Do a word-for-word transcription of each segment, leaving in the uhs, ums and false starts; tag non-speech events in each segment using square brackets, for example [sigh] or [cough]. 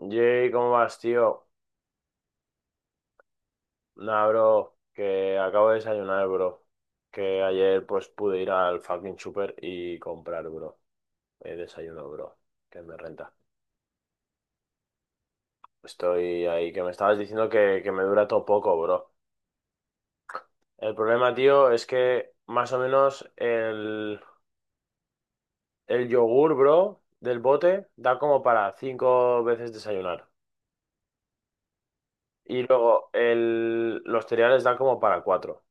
Jay, ¿cómo vas, tío? Nah, bro, que acabo de desayunar, bro. Que ayer pues pude ir al fucking super y comprar, bro. El desayuno, bro. Que me renta. Estoy ahí, que me estabas diciendo que, que me dura todo poco, bro. El problema, tío, es que más o menos el, el yogur, bro, del bote da como para cinco veces desayunar. Y luego el, los cereales da como para cuatro.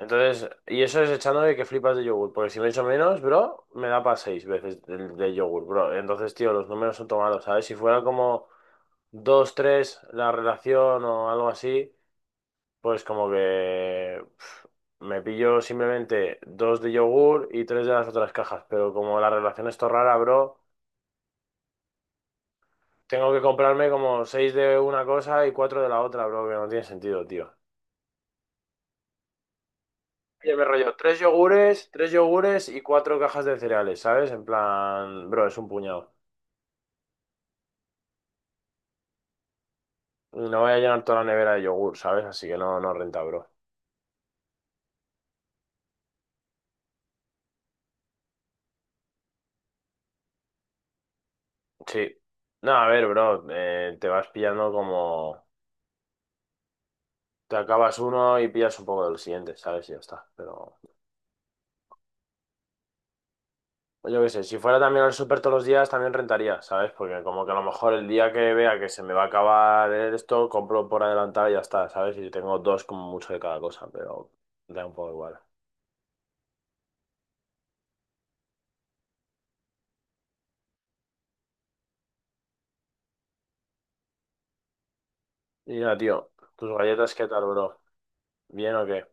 Entonces, y eso es echándole que flipas de yogur, porque si me echo menos, bro, me da para seis veces del de yogur, bro. Entonces, tío, los números son tomados, ¿sabes? Si fuera como dos, tres la relación o algo así, pues como que pf, me pillo simplemente dos de yogur y tres de las otras cajas, pero como la relación es todo rara, bro, tengo que comprarme como seis de una cosa y cuatro de la otra, bro, que no tiene sentido, tío. Oye, me rollo, tres yogures, tres yogures y cuatro cajas de cereales, ¿sabes? En plan, bro, es un puñado. No voy a llenar toda la nevera de yogur, ¿sabes? Así que no, no renta, bro. Sí. No, a ver, bro, eh, te vas pillando como... Te acabas uno y pillas un poco del siguiente, ¿sabes? Y ya está. Pero yo qué sé, si fuera también al súper todos los días, también rentaría, ¿sabes? Porque como que a lo mejor el día que vea que se me va a acabar esto, compro por adelantado y ya está, ¿sabes? Y tengo dos como mucho de cada cosa, pero da un poco igual. Mira, tío, tus galletas, ¿qué tal, bro? ¿Bien o qué?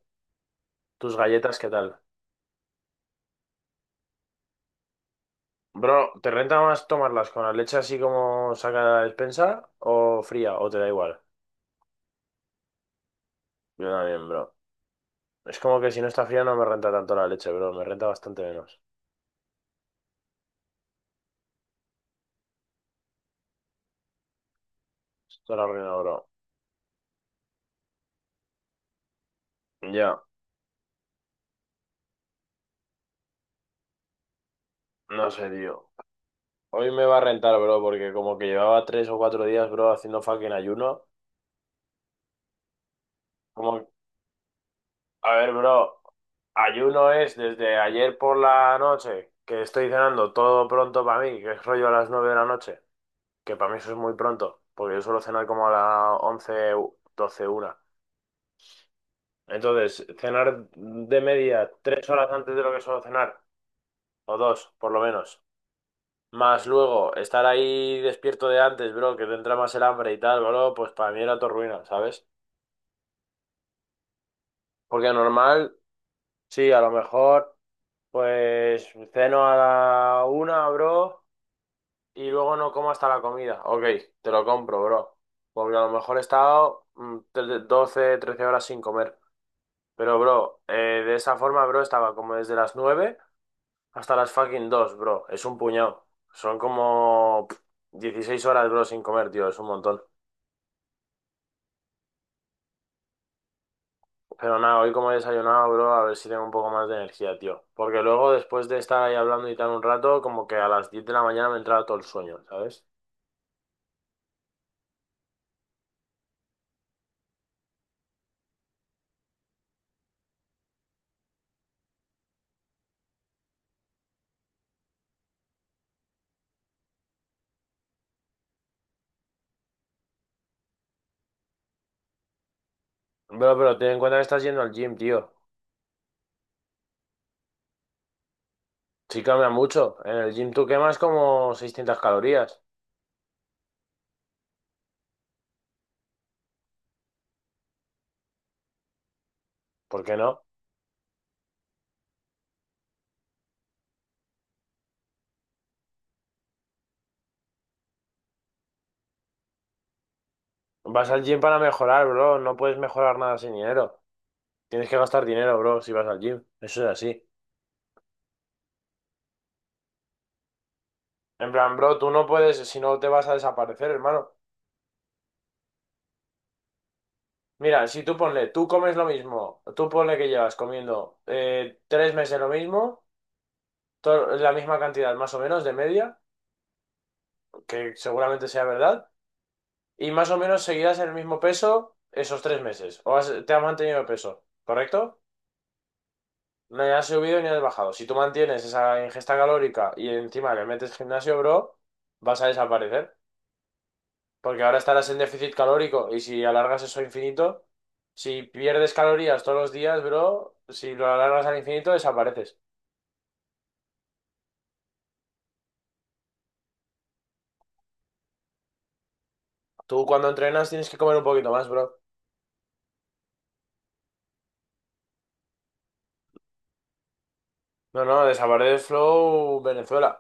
¿Tus galletas, qué tal? Bro, ¿te renta más tomarlas con la leche así como saca de la despensa o fría o te da igual? Yo también, bro. Es como que si no está fría no me renta tanto la leche, bro. Me renta bastante menos. Esto lo arruina, bro. Ya, no sé, tío. Hoy me va a rentar, bro, porque como que llevaba tres o cuatro días, bro, haciendo fucking ayuno. Como, A ver, bro, ayuno es desde ayer por la noche que estoy cenando todo pronto para mí, que es rollo a las nueve de la noche, que para mí eso es muy pronto, porque yo suelo cenar como a las once, doce, una. Entonces, cenar de media tres horas antes de lo que suelo cenar, o dos, por lo menos. Más luego, estar ahí despierto de antes, bro, que te entra más el hambre y tal, bro, pues para mí era todo ruina, ¿sabes? Porque normal, sí, a lo mejor, pues ceno a la una, bro. Y luego no como hasta la comida. Ok, te lo compro, bro. Porque a lo mejor he estado mm, tre- doce, trece horas sin comer. Pero, bro, eh, de esa forma, bro, estaba como desde las nueve hasta las fucking dos, bro. Es un puñado. Son como pff, dieciséis horas, bro, sin comer, tío. Es un montón. Pero nada, hoy como he desayunado, bro, a ver si tengo un poco más de energía, tío. Porque luego, después de estar ahí hablando y tal un rato, como que a las diez de la mañana me entraba todo el sueño, ¿sabes? Bro, pero ten en cuenta que estás yendo al gym, tío. Sí, cambia mucho. En el gym tú quemas como seiscientas calorías. ¿Por qué no? Vas al gym para mejorar, bro. No puedes mejorar nada sin dinero. Tienes que gastar dinero, bro, si vas al gym. Eso es así. En plan, bro, tú no puedes, si no te vas a desaparecer, hermano. Mira, si tú ponle, tú comes lo mismo, tú ponle que llevas comiendo eh, tres meses lo mismo, to- la misma cantidad más o menos de media, que seguramente sea verdad, y más o menos seguirás en el mismo peso esos tres meses, o has- te has mantenido peso, ¿correcto? No has subido ni has bajado. Si tú mantienes esa ingesta calórica y encima le metes gimnasio, bro, vas a desaparecer. Porque ahora estarás en déficit calórico y si alargas eso a infinito, si pierdes calorías todos los días, bro, si lo alargas al infinito, desapareces. Tú cuando entrenas tienes que comer un poquito más, bro. No, no, desaparece Flow Venezuela.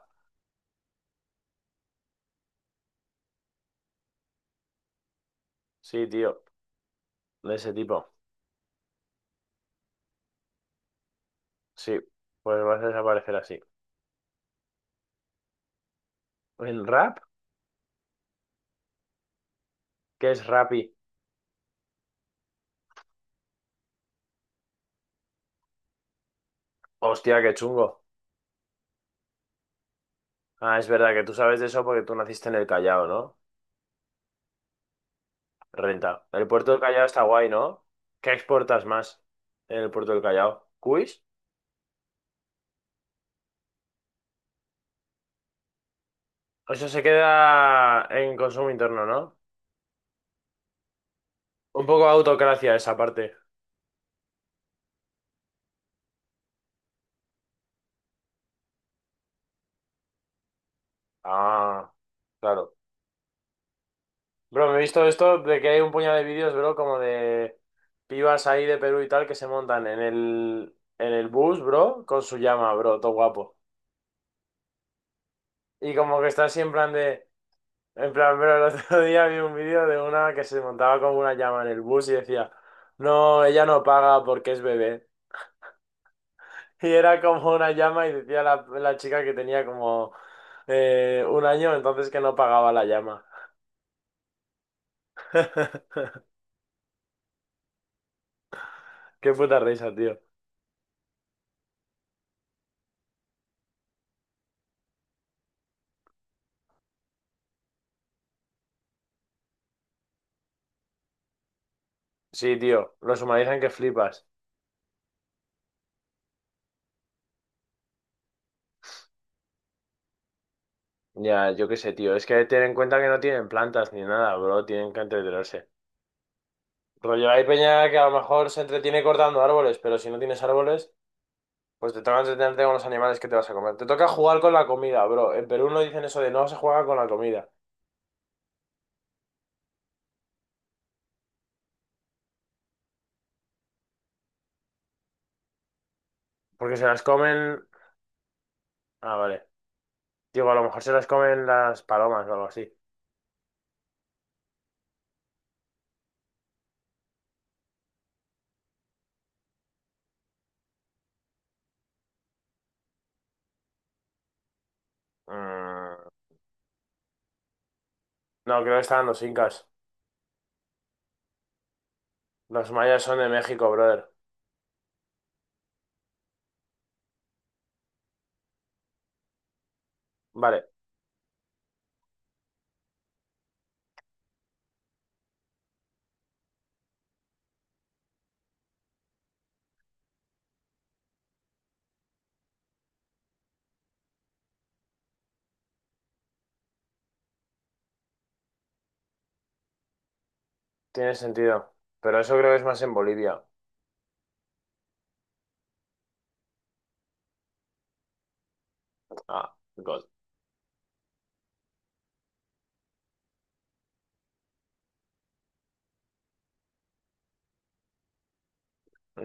Sí, tío, de ese tipo. Sí, pues vas a desaparecer así. ¿En rap? ¿Qué es Rappi? Hostia, qué chungo. Ah, es verdad que tú sabes de eso porque tú naciste en el Callao, ¿no? Renta. El puerto del Callao está guay, ¿no? ¿Qué exportas más en el puerto del Callao? ¿Cuis? Eso se queda en consumo interno, ¿no? Un poco autocracia esa parte. Ah, claro. Bro, me he visto esto de que hay un puñado de vídeos, bro, como de pibas ahí de Perú y tal que se montan en el, en el bus, bro, con su llama, bro, todo guapo. Y como que está siempre en plan de... En plan, pero el otro día vi un vídeo de una que se montaba como una llama en el bus y decía, no, ella no paga porque es bebé. Y era como una llama y decía la, la chica que tenía como eh, un año, entonces que no pagaba la llama. [laughs] Qué puta risa, tío. Sí, tío, los humanizan que flipas. Ya, yo qué sé, tío. Es que ten en cuenta que no tienen plantas ni nada, bro. Tienen que entretenerse. Rollo, hay peña que a lo mejor se entretiene cortando árboles, pero si no tienes árboles... Pues te toca entretenerte con los animales que te vas a comer. Te toca jugar con la comida, bro. En Perú no dicen eso de no se juega con la comida. Porque se las comen. Ah, vale. Digo, a lo mejor se las comen las palomas o algo así. Mm. No, creo que están los incas. Los mayas son de México, brother. Vale, tiene sentido. Pero eso creo que es más en Bolivia. Ah, God.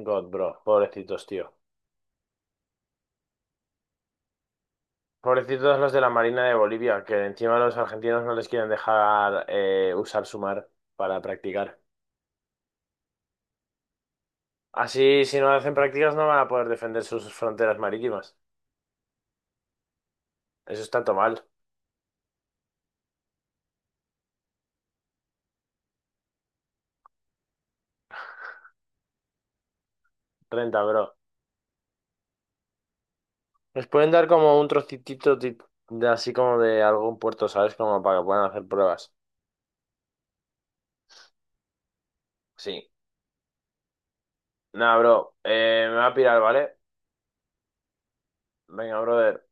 God, bro. Pobrecitos, tío. Pobrecitos los de la Marina de Bolivia, que encima los argentinos no les quieren dejar eh, usar su mar para practicar. Así, si no hacen prácticas, no van a poder defender sus fronteras marítimas. Eso es tanto mal. Renta, bro. Les pueden dar como un trocitito ti- de así como de algún puerto, ¿sabes? Como para que puedan hacer pruebas. Sí. Nada, bro. Eh, me va a pirar, ¿vale? Venga, brother.